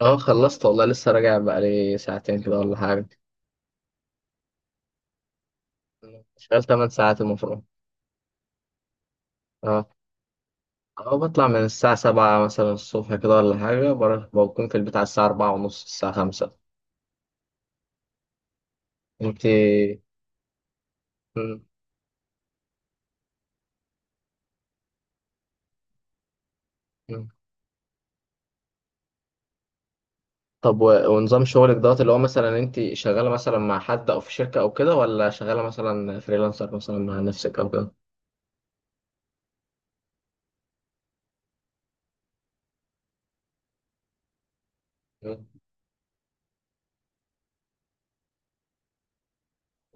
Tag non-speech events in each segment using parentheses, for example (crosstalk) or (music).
اه، خلصت والله، لسه راجع بقالي ساعتين كده ولا حاجة. شغال 8 ساعات المفروض. اه، اه، بطلع من الساعة 7 مثلا الصبح كده ولا حاجة، بروح بكون في البيت على الساعة 4 ونص، الساعة 5. انتي؟ مم. مم. طب، و- ونظام شغلك دوت، اللي هو مثلا انتي شغالة مثلا مع حد او في شركة او كده، ولا شغالة مثلا فريلانسر مثلا مع نفسك او كده؟ مم.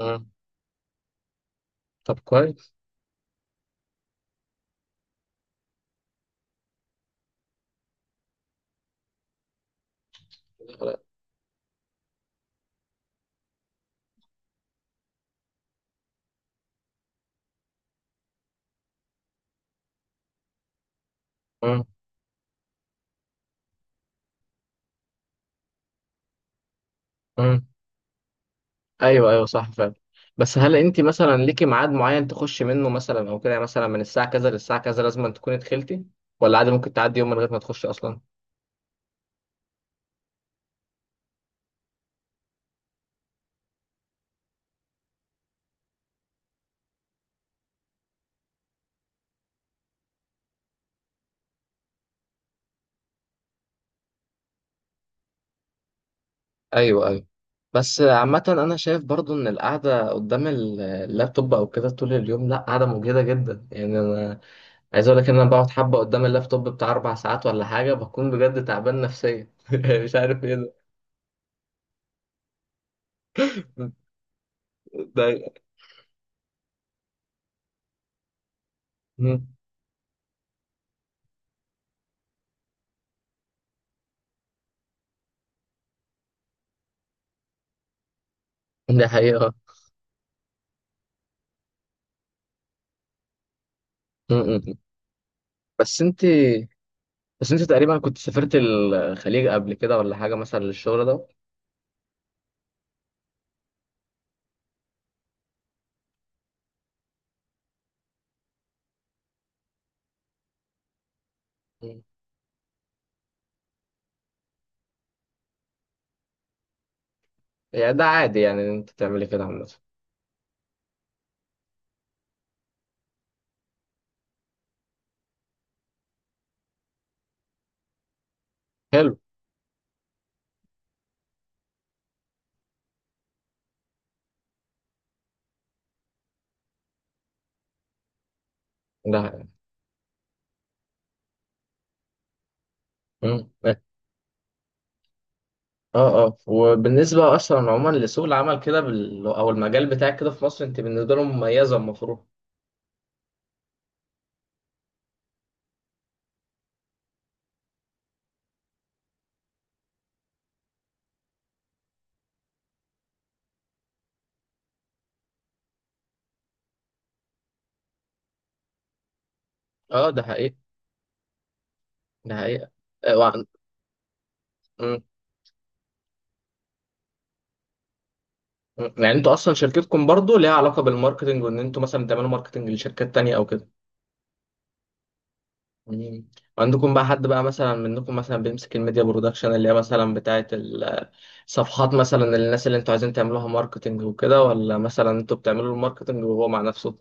مم. طب، كويس. مم. مم. ايوه، ايوه، صح فعلا. بس هل انت مثلا ليكي ميعاد معين تخشي منه مثلا او كده، يعني مثلا من الساعه كذا للساعه كذا لازم أن تكوني دخلتي، ولا عادي ممكن تعدي يوم من غير ما تخشي اصلا؟ ايوه، ايوه. بس عامة أنا شايف برضو إن القعدة قدام اللابتوب أو كده طول اليوم لأ، قعدة مجهدة جدا يعني. أنا عايز أقول لك إن أنا بقعد حبة قدام اللابتوب بتاع 4 ساعات ولا حاجة بكون بجد تعبان نفسيا (laughs) مش عارف إيه. ده ده ده حقيقة. م- م. بس أنت بس انت تقريبا كنت سافرت الخليج قبل كده ولا حاجه مثلا للشغل ده؟ مم. يعني ده عادي، يعني ان انت تعملي كده عامه؟ حلو. ده. مم. اه، اه، وبالنسبه اصلا عموما لسوق العمل كده بال... او المجال بتاعك كده في مصر، انت بالنسبه لهم مميزه المفروض. اه، ده حقيقي. ده حقيقه. اه، مم. مم. يعني انتوا اصلا شركتكم برضو ليها علاقه بالماركتنج، وان انتوا مثلا بتعملوا ماركتنج لشركات تانية او كده؟ مم. عندكم بقى حد بقى مثلا منكم مثلا بيمسك الميديا برودكشن اللي هي مثلا بتاعه ال صفحات مثلا للناس اللي انتوا عايزين تعملوها ماركتنج وكده، ولا مثلا انتوا بتعملوا له الماركتنج وهو مع نفسه؟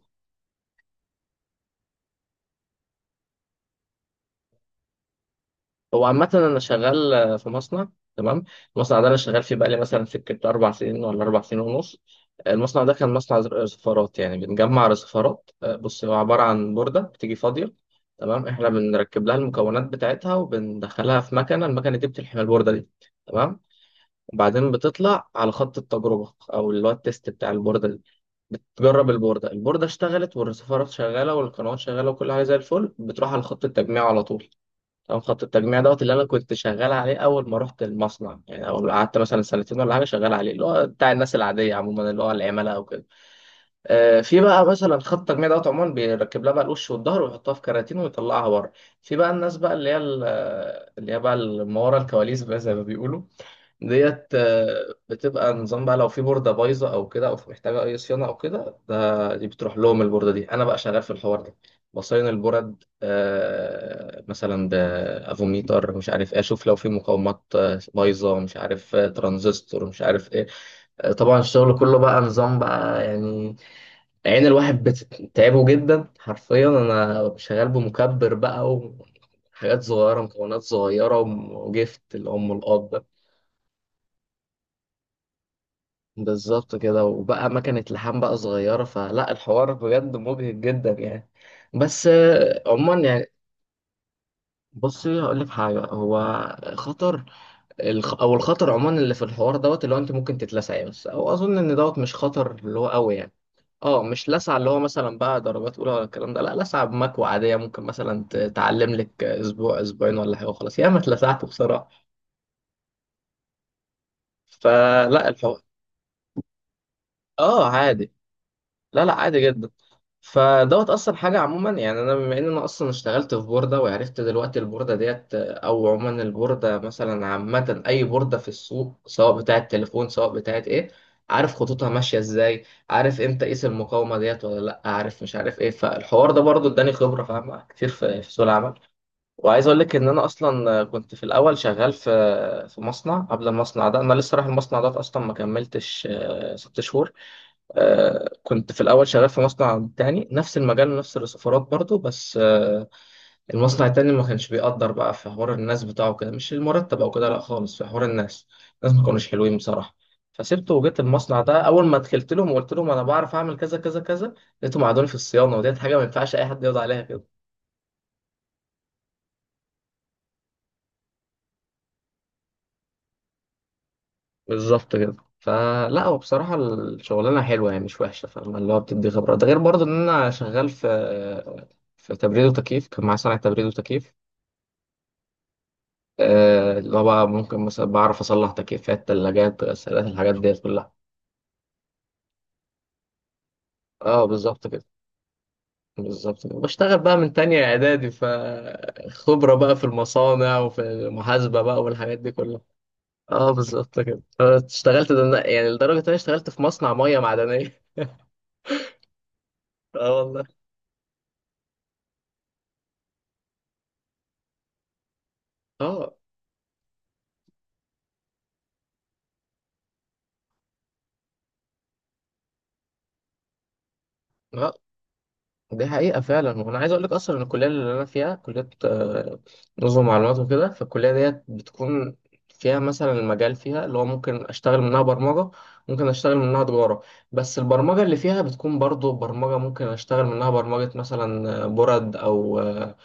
هو عامة انا شغال في مصنع. تمام. المصنع ده انا شغال فيه بقالي مثلا سكة 4 سنين ولا 4 سنين ونص. المصنع ده كان مصنع رصفارات، يعني بنجمع رصفارات. بص، هو عبارة عن بوردة بتيجي فاضية. تمام، احنا بنركب لها المكونات بتاعتها، وبندخلها في مكنة، المكنة دي بتلحم البوردة دي. تمام. وبعدين بتطلع على خط التجربة او اللي هو التيست بتاع البوردة دي. بتجرب البوردة، البوردة اشتغلت والرسيفرات شغالة والقنوات شغالة وكل حاجة زي الفل، بتروح على خط التجميع على طول. تمام. خط التجميع دوت اللي أنا كنت شغال عليه أول ما رحت المصنع، يعني أول ما قعدت مثلا سنتين ولا حاجة شغال عليه، اللي هو بتاع الناس العادية عموما اللي هو العملاء أو كده. في بقى مثلا خط التجميع دوت عموما بيركب لها بقى الوش والظهر ويحطها في كراتين ويطلعها بره. في بقى الناس بقى اللي هي بقى اللي ما ورا الكواليس بقى زي ما بيقولوا، ديت بتبقى نظام بقى لو في بوردة بايظة أو كده، أو في محتاجة أي صيانة أو كده، ده دي بتروح لهم البوردة دي، أنا بقى شغال في الحوار ده. بصين البورد، مثلا بأفوميتر مش عارف إيه، أشوف لو في مقاومات بايظة، مش عارف، ترانزستور مش عارف إيه. طبعا الشغل كله بقى نظام بقى يعني، عين الواحد بتتعبه جدا حرفيا، أنا شغال بمكبر بقى وحاجات صغيرة، مكونات صغيرة وجفت الأم والأب. بالظبط كده. وبقى مكنة لحام بقى صغيرة، فلا الحوار بجد مبهج جدا يعني. بس عموما يعني، بصي هقول لك حاجة. هو خطر. الخطر عموما اللي في الحوار دوت اللي هو أنت ممكن تتلسعي بس، أو أظن إن دوت مش خطر اللي هو قوي يعني. اه، مش لسعة اللي هو مثلا بقى درجات أولى ولا الكلام ده، لا، لسعة بمكوى عادية ممكن مثلا تعلم لك أسبوع أسبوعين ولا حاجة وخلاص، ياما اتلسعت بصراحة. فلا الحوار. اه، عادي. لا، لا، عادي جدا. فدوت اصلا حاجه عموما يعني. انا بما ان انا اصلا اشتغلت في بورده وعرفت دلوقتي البورده ديت، او عموما البورده مثلا عامه اي بورده في السوق، سواء بتاعه تليفون سواء بتاعه ايه، عارف خطوطها ماشيه ازاي، عارف امتى اقيس المقاومه ديت ولا لا، عارف مش عارف ايه، فالحوار ده برضو اداني خبره فاهمه كتير في في سوق العمل. وعايز اقول لك ان انا اصلا كنت في الاول شغال في في مصنع قبل المصنع ده، انا لسه رايح المصنع ده اصلا ما كملتش 6 شهور. كنت في الأول شغال في مصنع تاني نفس المجال ونفس السفارات برضو، بس المصنع التاني ما كانش بيقدر بقى في حوار الناس بتاعه كده، مش المرتب أو كده لأ خالص، في حوار الناس، الناس ما كانوش حلوين بصراحة. فسبته وجيت المصنع ده، أول ما دخلت لهم وقلت لهم أنا بعرف أعمل كذا كذا كذا، لقيتهم قعدوني في الصيانة، وديت حاجة ما ينفعش أي حد يقعد عليها كده. بالظبط كده. فلا هو بصراحة الشغلانة حلوة يعني مش وحشة، فاهم، اللي هو بتدي خبرة. ده غير برضه إن أنا شغال في تبريد وتكييف، كان معايا صناعة تبريد وتكييف. اللي هو بقى ممكن مثلا بعرف اصلح تكييفات تلاجات غسالات الحاجات ديت كلها. اه، بالظبط كده. بالظبط كده، بشتغل بقى من تانية اعدادي فخبرة بقى في المصانع وفي المحاسبة بقى والحاجات دي كلها. اه، بالظبط كده. اشتغلت ده يعني لدرجة ان انا اشتغلت في مصنع مية معدنية (laughs) اه، والله. اه، اه، دي حقيقة فعلا. وأنا عايز أقول لك أصلا إن الكلية اللي أنا فيها كلية نظم معلومات وكده، فالكلية ديت بتكون فيها مثلا المجال فيها اللي هو ممكن أشتغل منها برمجة، ممكن أشتغل منها تجارة. بس البرمجة اللي فيها بتكون برضو برمجة، ممكن أشتغل منها برمجة مثلا برد أو آه،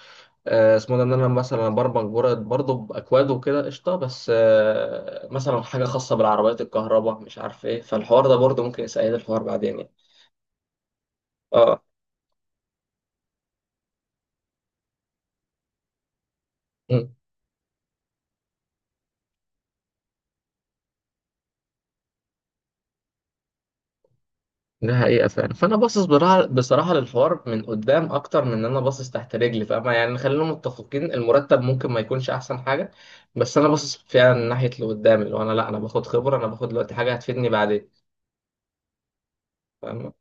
آه، اسمه ده، إن أنا مثلا برمج برد برضو بأكواد وكده قشطة. بس مثلا حاجة خاصة بالعربيات الكهرباء مش عارف إيه، فالحوار ده برضو ممكن يسأل الحوار بعدين يعني. أه، ده حقيقة فعلا. فأنا باصص بصراحة، بصراحة للحوار من قدام أكتر من إن أنا باصص تحت رجلي، فاهمة يعني، خلينا متفقين المرتب ممكن ما يكونش أحسن حاجة، بس أنا باصص فعلا من ناحية اللي قدام، اللي هو أنا لأ، أنا باخد خبرة، أنا باخد دلوقتي حاجة هتفيدني بعدين. فاهمة؟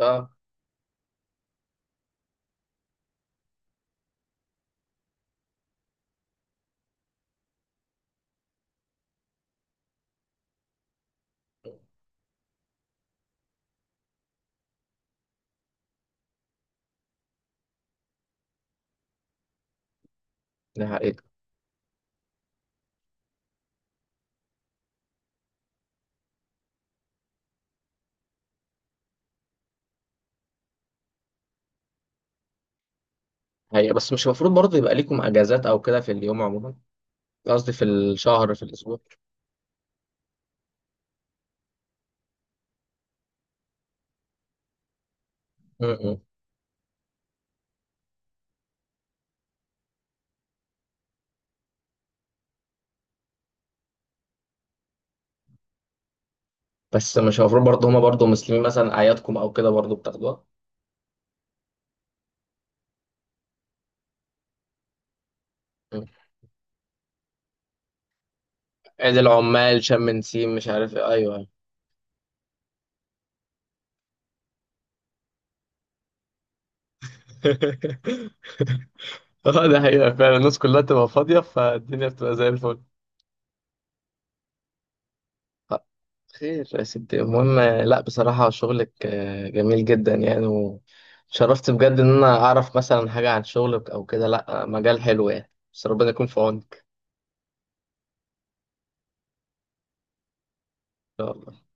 أه، ده حقيقة. حقيقة. بس مش المفروض برضه يبقى ليكم أجازات أو كده في اليوم عموما، قصدي في الشهر في الأسبوع؟ م-م. بس مش المفروض برضه هما برضه مسلمين مثلا أعيادكم أو كده برضه بتاخدوها؟ م. عيد العمال، شم نسيم، مش عارف إيه، أيوه، أيوه. (laughs) (laughs) اه، ده حقيقة فعلا، الناس كلها تبقى فاضية فالدنيا بتبقى زي الفل. آه، خير يا ستي. المهم، لا بصراحة شغلك جميل جدا يعني، وشرفت بجد إن أنا أعرف مثلا حاجة عن شغلك أو كده، لا، مجال حلو يعني، بس ربنا يكون في عونك. إن شاء الله.